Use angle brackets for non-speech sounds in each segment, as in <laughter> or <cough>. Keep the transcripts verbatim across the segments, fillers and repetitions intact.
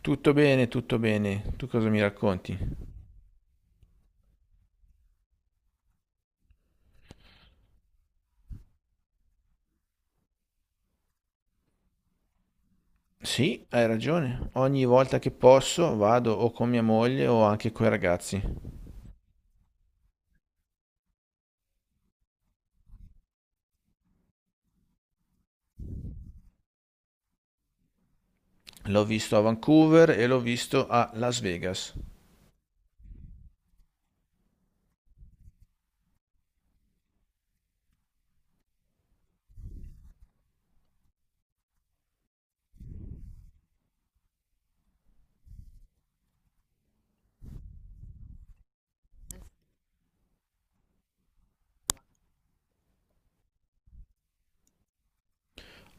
Tutto bene, tutto bene. Tu cosa mi racconti? Sì, hai ragione. Ogni volta che posso vado o con mia moglie o anche coi ragazzi. L'ho visto a Vancouver e l'ho visto a Las Vegas.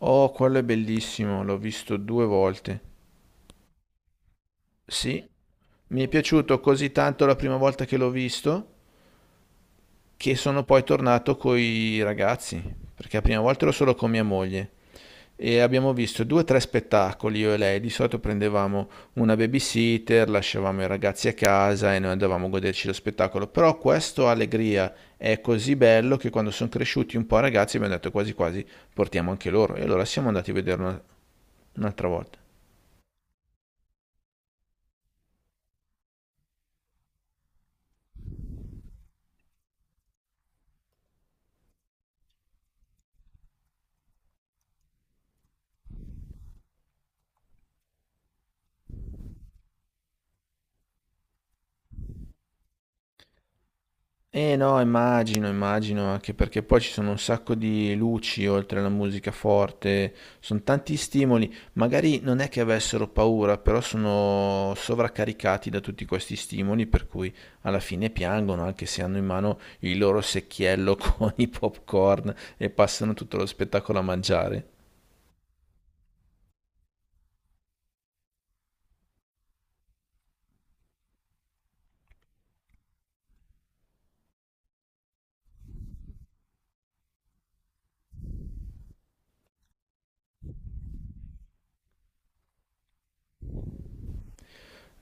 Oh, quello è bellissimo, l'ho visto due volte. Sì, mi è piaciuto così tanto la prima volta che l'ho visto che sono poi tornato coi ragazzi, perché la prima volta ero solo con mia moglie. E abbiamo visto due o tre spettacoli io e lei. Di solito prendevamo una babysitter, lasciavamo i ragazzi a casa e noi andavamo a goderci lo spettacolo. Però questo Allegria è così bello che quando sono cresciuti un po' i ragazzi abbiamo detto quasi quasi portiamo anche loro. E allora siamo andati a vederlo una- un'altra volta. Eh no, immagino, immagino, anche perché poi ci sono un sacco di luci oltre alla musica forte, sono tanti stimoli, magari non è che avessero paura, però sono sovraccaricati da tutti questi stimoli, per cui alla fine piangono, anche se hanno in mano il loro secchiello <laughs> con i popcorn e passano tutto lo spettacolo a mangiare.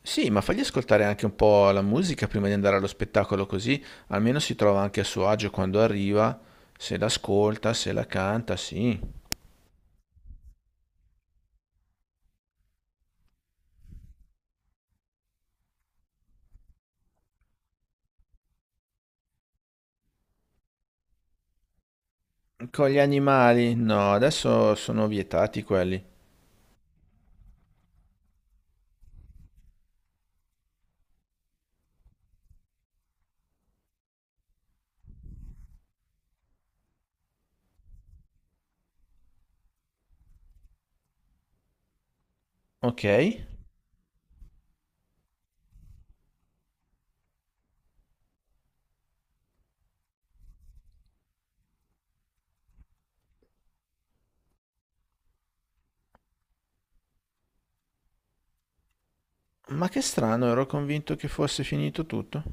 Sì, ma fagli ascoltare anche un po' la musica prima di andare allo spettacolo, così almeno si trova anche a suo agio quando arriva, se l'ascolta, se la canta, sì. Con gli animali? No, adesso sono vietati quelli. Ok. Ma che strano, ero convinto che fosse finito tutto.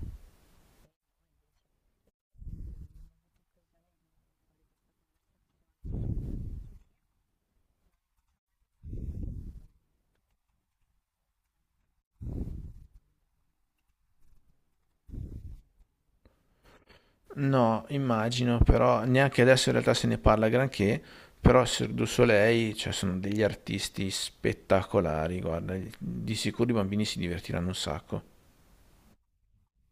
No, immagino, però neanche adesso in realtà se ne parla granché, però Cirque du Soleil, cioè sono degli artisti spettacolari, guarda, di sicuro i bambini si divertiranno un sacco.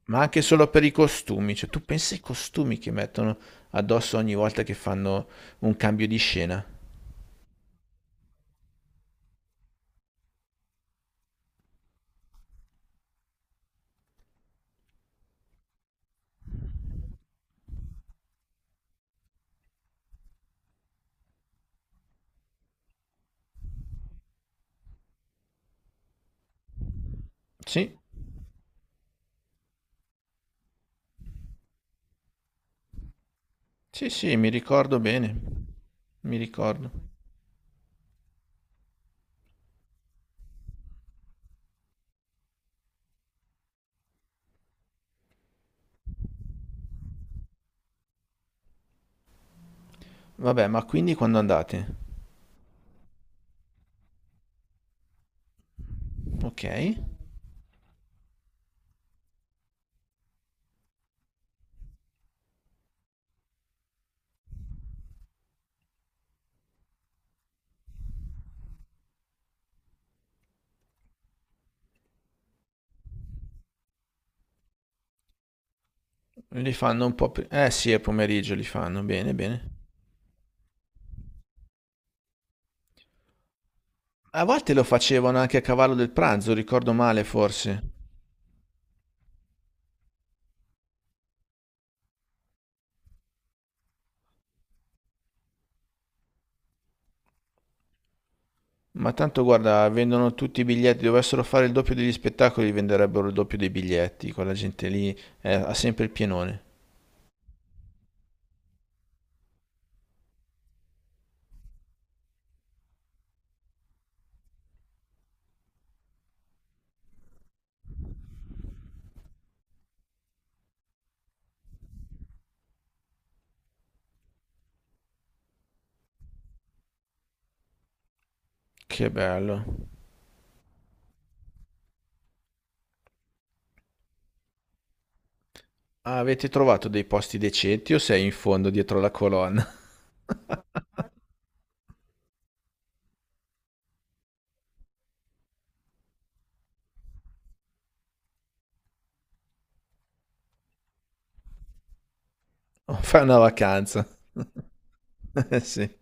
Ma anche solo per i costumi, cioè tu pensi ai costumi che mettono addosso ogni volta che fanno un cambio di scena? Sì, sì, sì, mi ricordo bene, mi ricordo. Vabbè, ma quindi quando andate? Ok. Li fanno un po' pri- Eh sì, è pomeriggio li fanno, bene, bene. A volte lo facevano anche a cavallo del pranzo, ricordo male forse. Ma tanto guarda, vendono tutti i biglietti, dovessero fare il doppio degli spettacoli, venderebbero il doppio dei biglietti, quella gente lì eh, ha sempre il pienone. Che bello. Ah, avete trovato dei posti decenti o sei in fondo dietro la colonna? <laughs> O fai una vacanza? <laughs> Sì.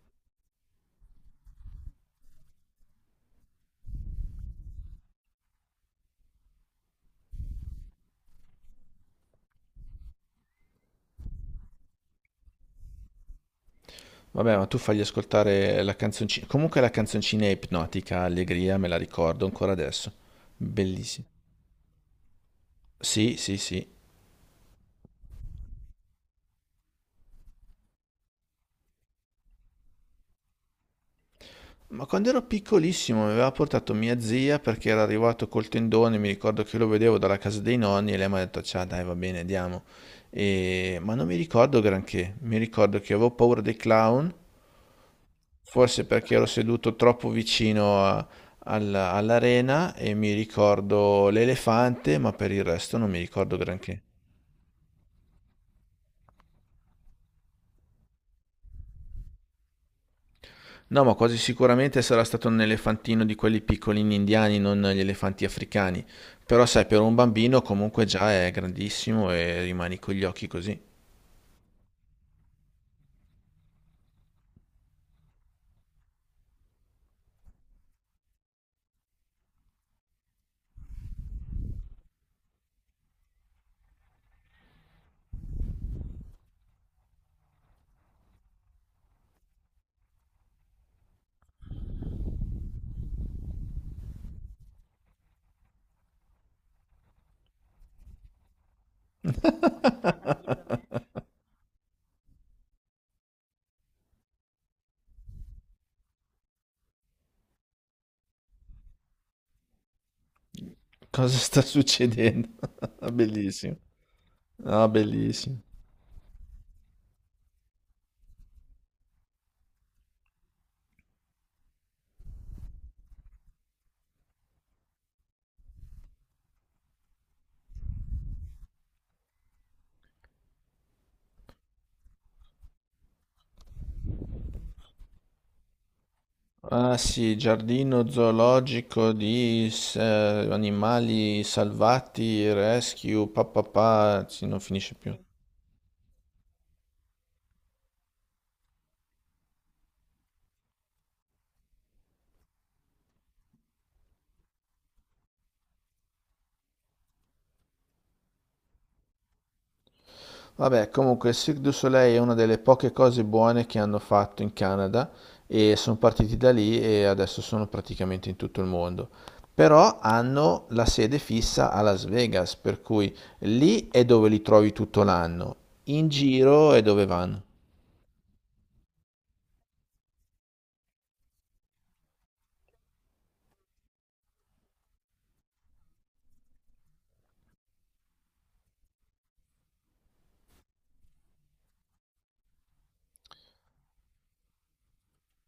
Vabbè, ma tu fagli ascoltare la canzoncina. Comunque la canzoncina è ipnotica, allegria, me la ricordo ancora adesso. Bellissima. Sì, sì, sì. Ma quando ero piccolissimo mi aveva portato mia zia perché era arrivato col tendone, mi ricordo che lo vedevo dalla casa dei nonni e lei mi ha detto, ciao, dai, va bene, andiamo. E- Ma non mi ricordo granché. Mi ricordo che avevo paura dei clown, forse perché ero seduto troppo vicino a- alla- all'arena e mi ricordo l'elefante, ma per il resto non mi ricordo granché. No, ma quasi sicuramente sarà stato un elefantino di quelli piccolini indiani, non gli elefanti africani. Però sai, per un bambino comunque già è grandissimo e rimani con gli occhi così. <laughs> Cosa sta succedendo? <laughs> Bellissimo. Ah, bellissimo. Ah sì, giardino zoologico di s- eh, animali salvati, rescue, papà, sì, non finisce più. Vabbè, comunque il Cirque du Soleil è una delle poche cose buone che hanno fatto in Canada e sono partiti da lì e adesso sono praticamente in tutto il mondo. Però hanno la sede fissa a Las Vegas, per cui lì è dove li trovi tutto l'anno, in giro è dove vanno.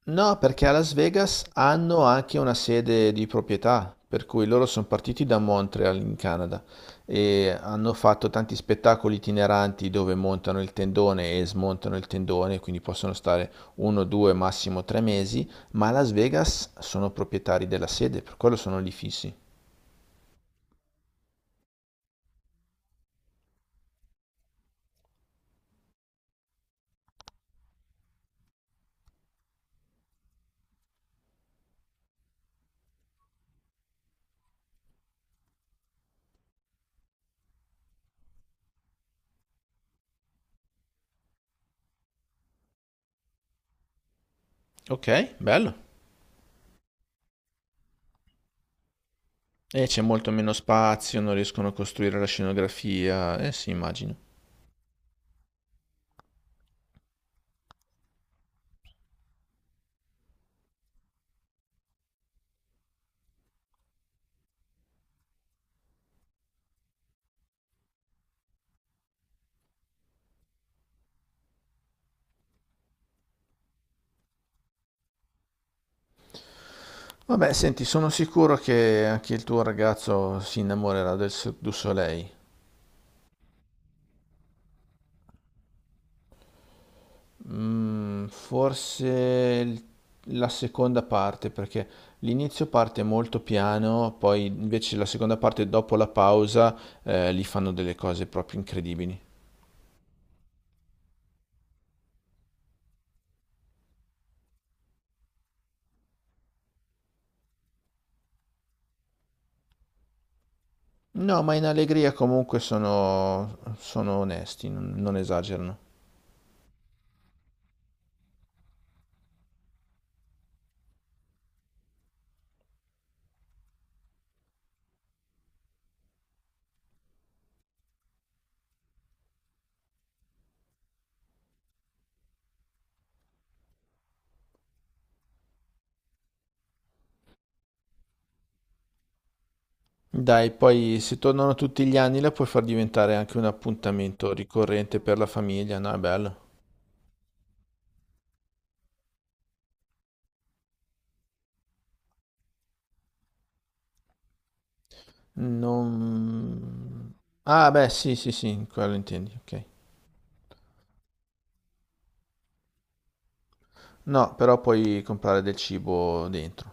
No, perché a Las Vegas hanno anche una sede di proprietà, per cui loro sono partiti da Montreal in Canada e hanno fatto tanti spettacoli itineranti dove montano il tendone e smontano il tendone, quindi possono stare uno, due, massimo tre mesi, ma a Las Vegas sono proprietari della sede, per quello sono lì fissi. Ok, bello. E c'è molto meno spazio, non riescono a costruire la scenografia, eh sì, immagino. Vabbè, senti, sono sicuro che anche il tuo ragazzo si innamorerà del Cirque du Soleil. Mm, forse il- la seconda parte, perché l'inizio parte molto piano, poi invece la seconda parte, dopo la pausa, eh, lì fanno delle cose proprio incredibili. No, ma in allegria comunque sono, sono onesti, non, non esagerano. Dai, poi se tornano tutti gli anni la puoi far diventare anche un appuntamento ricorrente per la famiglia, no? È bello. Non... Ah, beh, sì, sì, sì, quello intendi, ok. No, però puoi comprare del cibo dentro.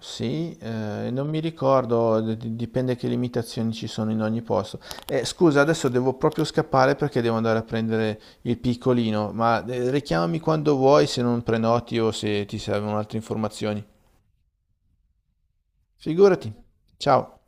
Sì, eh, non mi ricordo, d- d- dipende che limitazioni ci sono in ogni posto. Eh, scusa, adesso devo proprio scappare perché devo andare a prendere il piccolino, ma eh, richiamami quando vuoi se non prenoti o se ti servono altre informazioni. Figurati. Ciao.